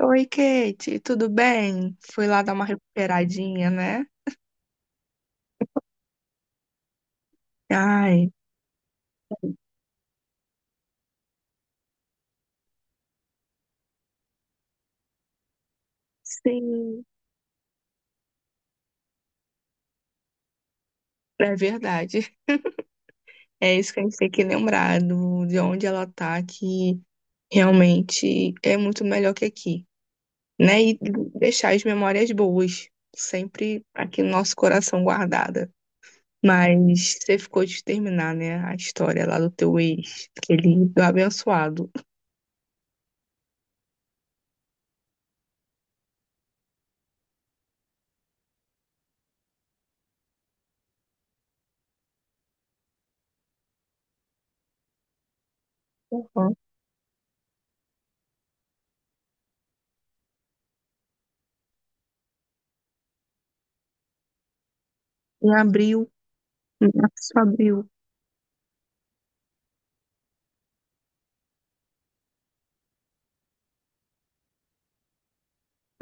Oi, Kate, tudo bem? Fui lá dar uma recuperadinha, né? Ai, sim, é verdade. É isso que a gente tem que lembrar de onde ela tá, que realmente é muito melhor que aqui, né? E deixar as memórias boas, sempre aqui no nosso coração guardada. Mas você ficou de terminar, né, a história lá do teu ex, aquele do abençoado. Uhum. Em abril, março, abril.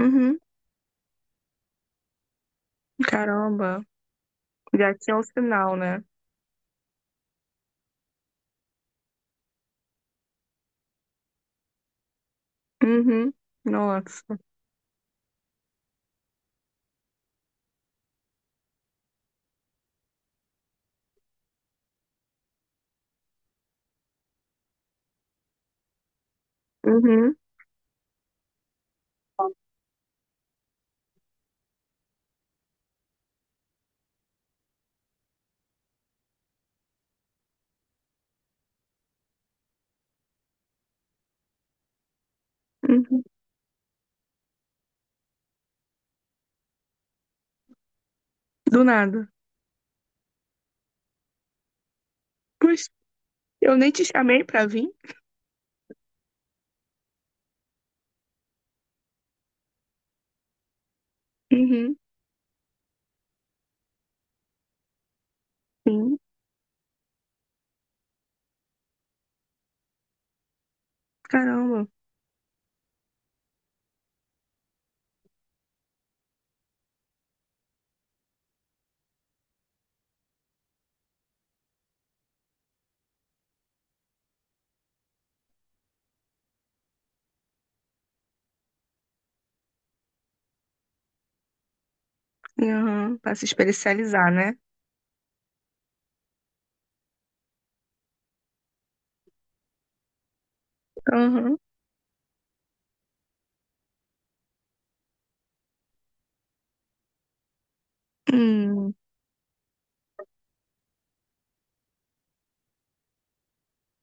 Uhum. Caramba. Já tinha o sinal, né? Uhum. Nossa. Uhum. Uhum. Do nada. Pois, eu nem te chamei pra vir. Uhum. Sim. Caramba. Uhum. Pra se especializar, né? Uhum. Hum,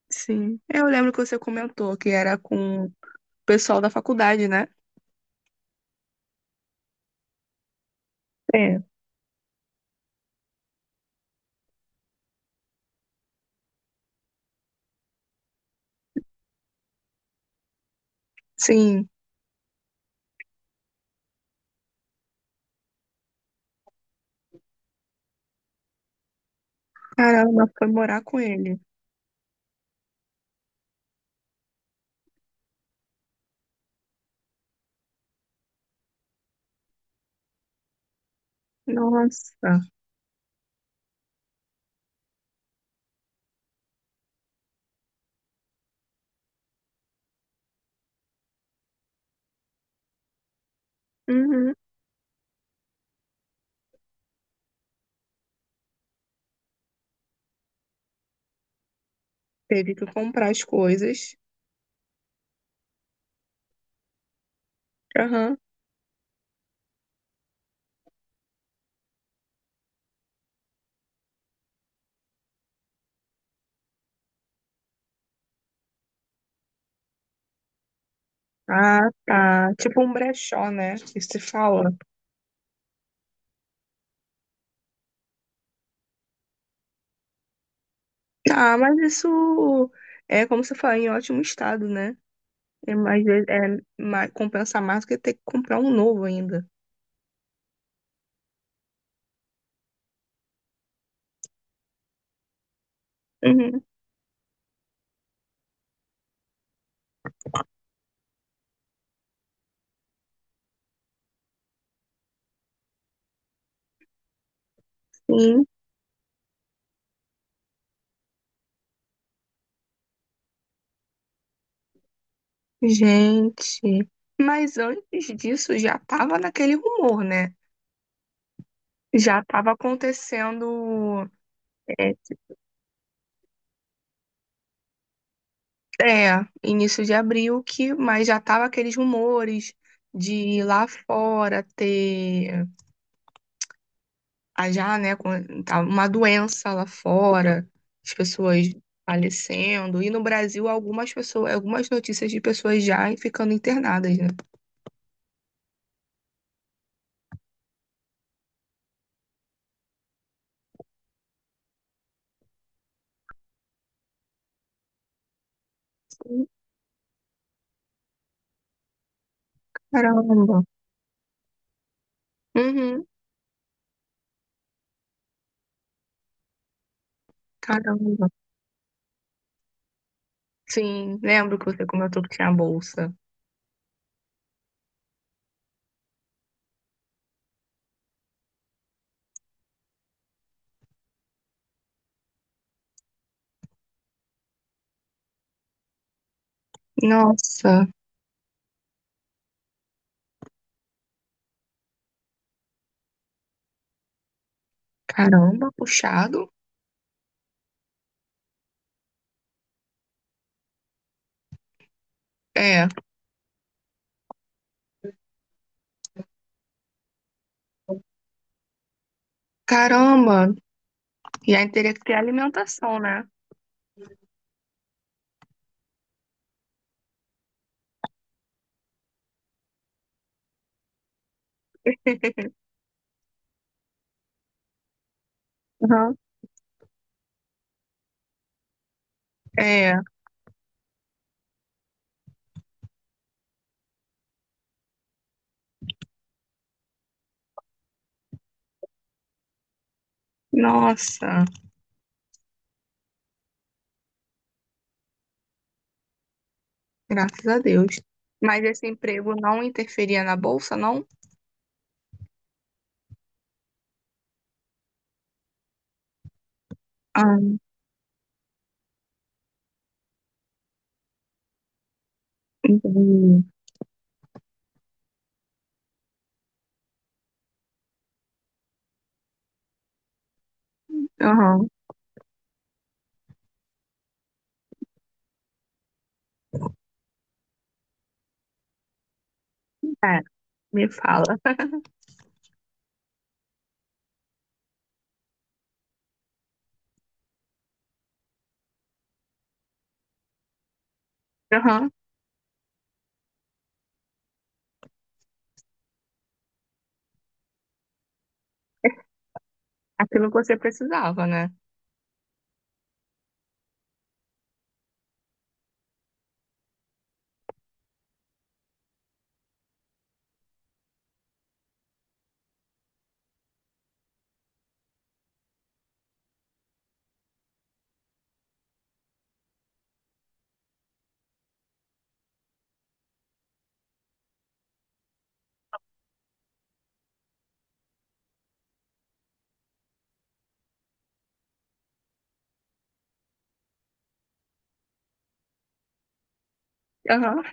sim. Eu lembro que você comentou que era com o pessoal da faculdade, né? É. Sim. Caramba, foi morar com ele. Nossa. Uhum. Teve que comprar as coisas. Aham. Ah, tá. Tipo um brechó, né? Que se fala. Ah, mas isso é como você fala, em ótimo estado, né? É mais, compensa mais do que ter que comprar um novo ainda. Uhum, sim, gente. Mas antes disso já tava naquele rumor, né? Já tava acontecendo, é, é, início de abril que, mas já tava aqueles rumores de lá fora ter a já, né, com- tá uma doença lá fora, as pessoas falecendo, e no Brasil algumas pessoas, algumas notícias de pessoas já ficando internadas, né? Caramba. Uhum, caramba. Sim, lembro que você comentou que tinha bolsa. Nossa, caramba, puxado. É, caramba. E aí teria que ter alimentação, né? Uhum. É, nossa, graças a Deus. Mas esse emprego não interferia na bolsa, não? Ah, entendi. Aham, é, me fala. Aham, aquilo que você precisava, né? Aham.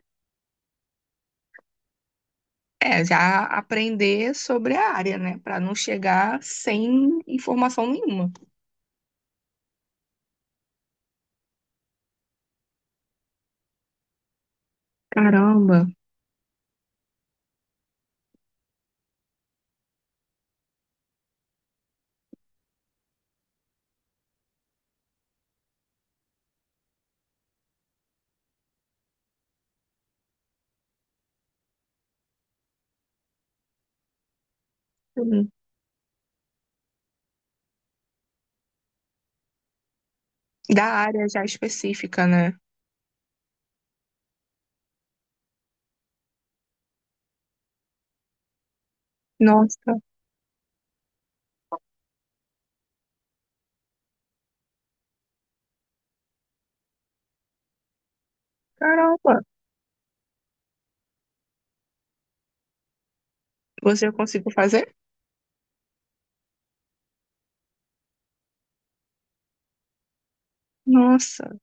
É, já aprender sobre a área, né? Pra não chegar sem informação nenhuma. Caramba. Uhum. Da área já específica, né? Nossa, caramba. Você conseguiu fazer? Nossa,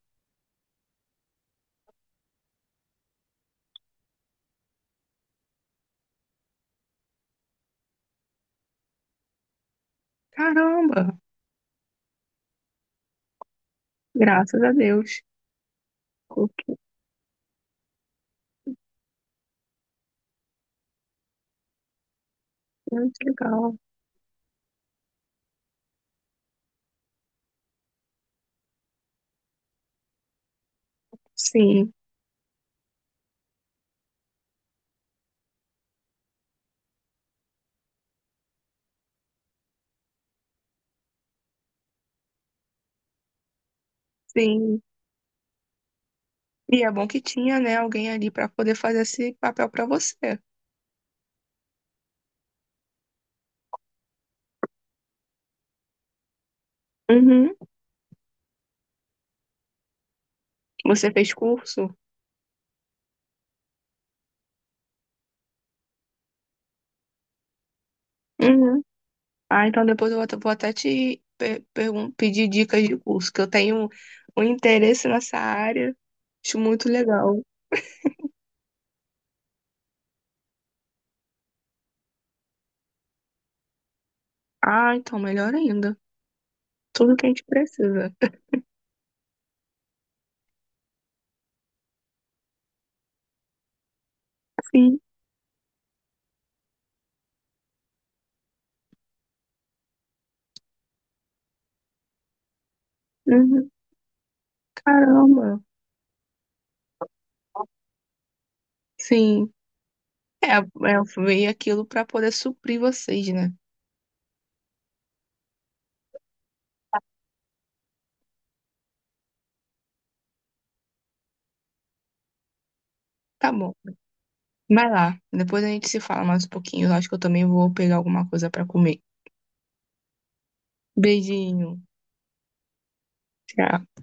caramba. Graças a Deus. Pô, que legal. Sim, sim. E é bom que tinha, né, alguém ali pra poder fazer esse papel pra você. Uhum. Você fez curso? Uhum. Ah, então depois eu vou até te pedir dicas de curso, que eu tenho um interesse nessa área, acho muito legal. Ah, então melhor ainda. Tudo que a gente precisa. Sim. Uhum. Caramba. Sim. É, é, eu veio aquilo para poder suprir vocês, né? Tá bom. Vai lá. Depois a gente se fala mais um pouquinho. Eu acho que eu também vou pegar alguma coisa para comer. Beijinho. Tchau.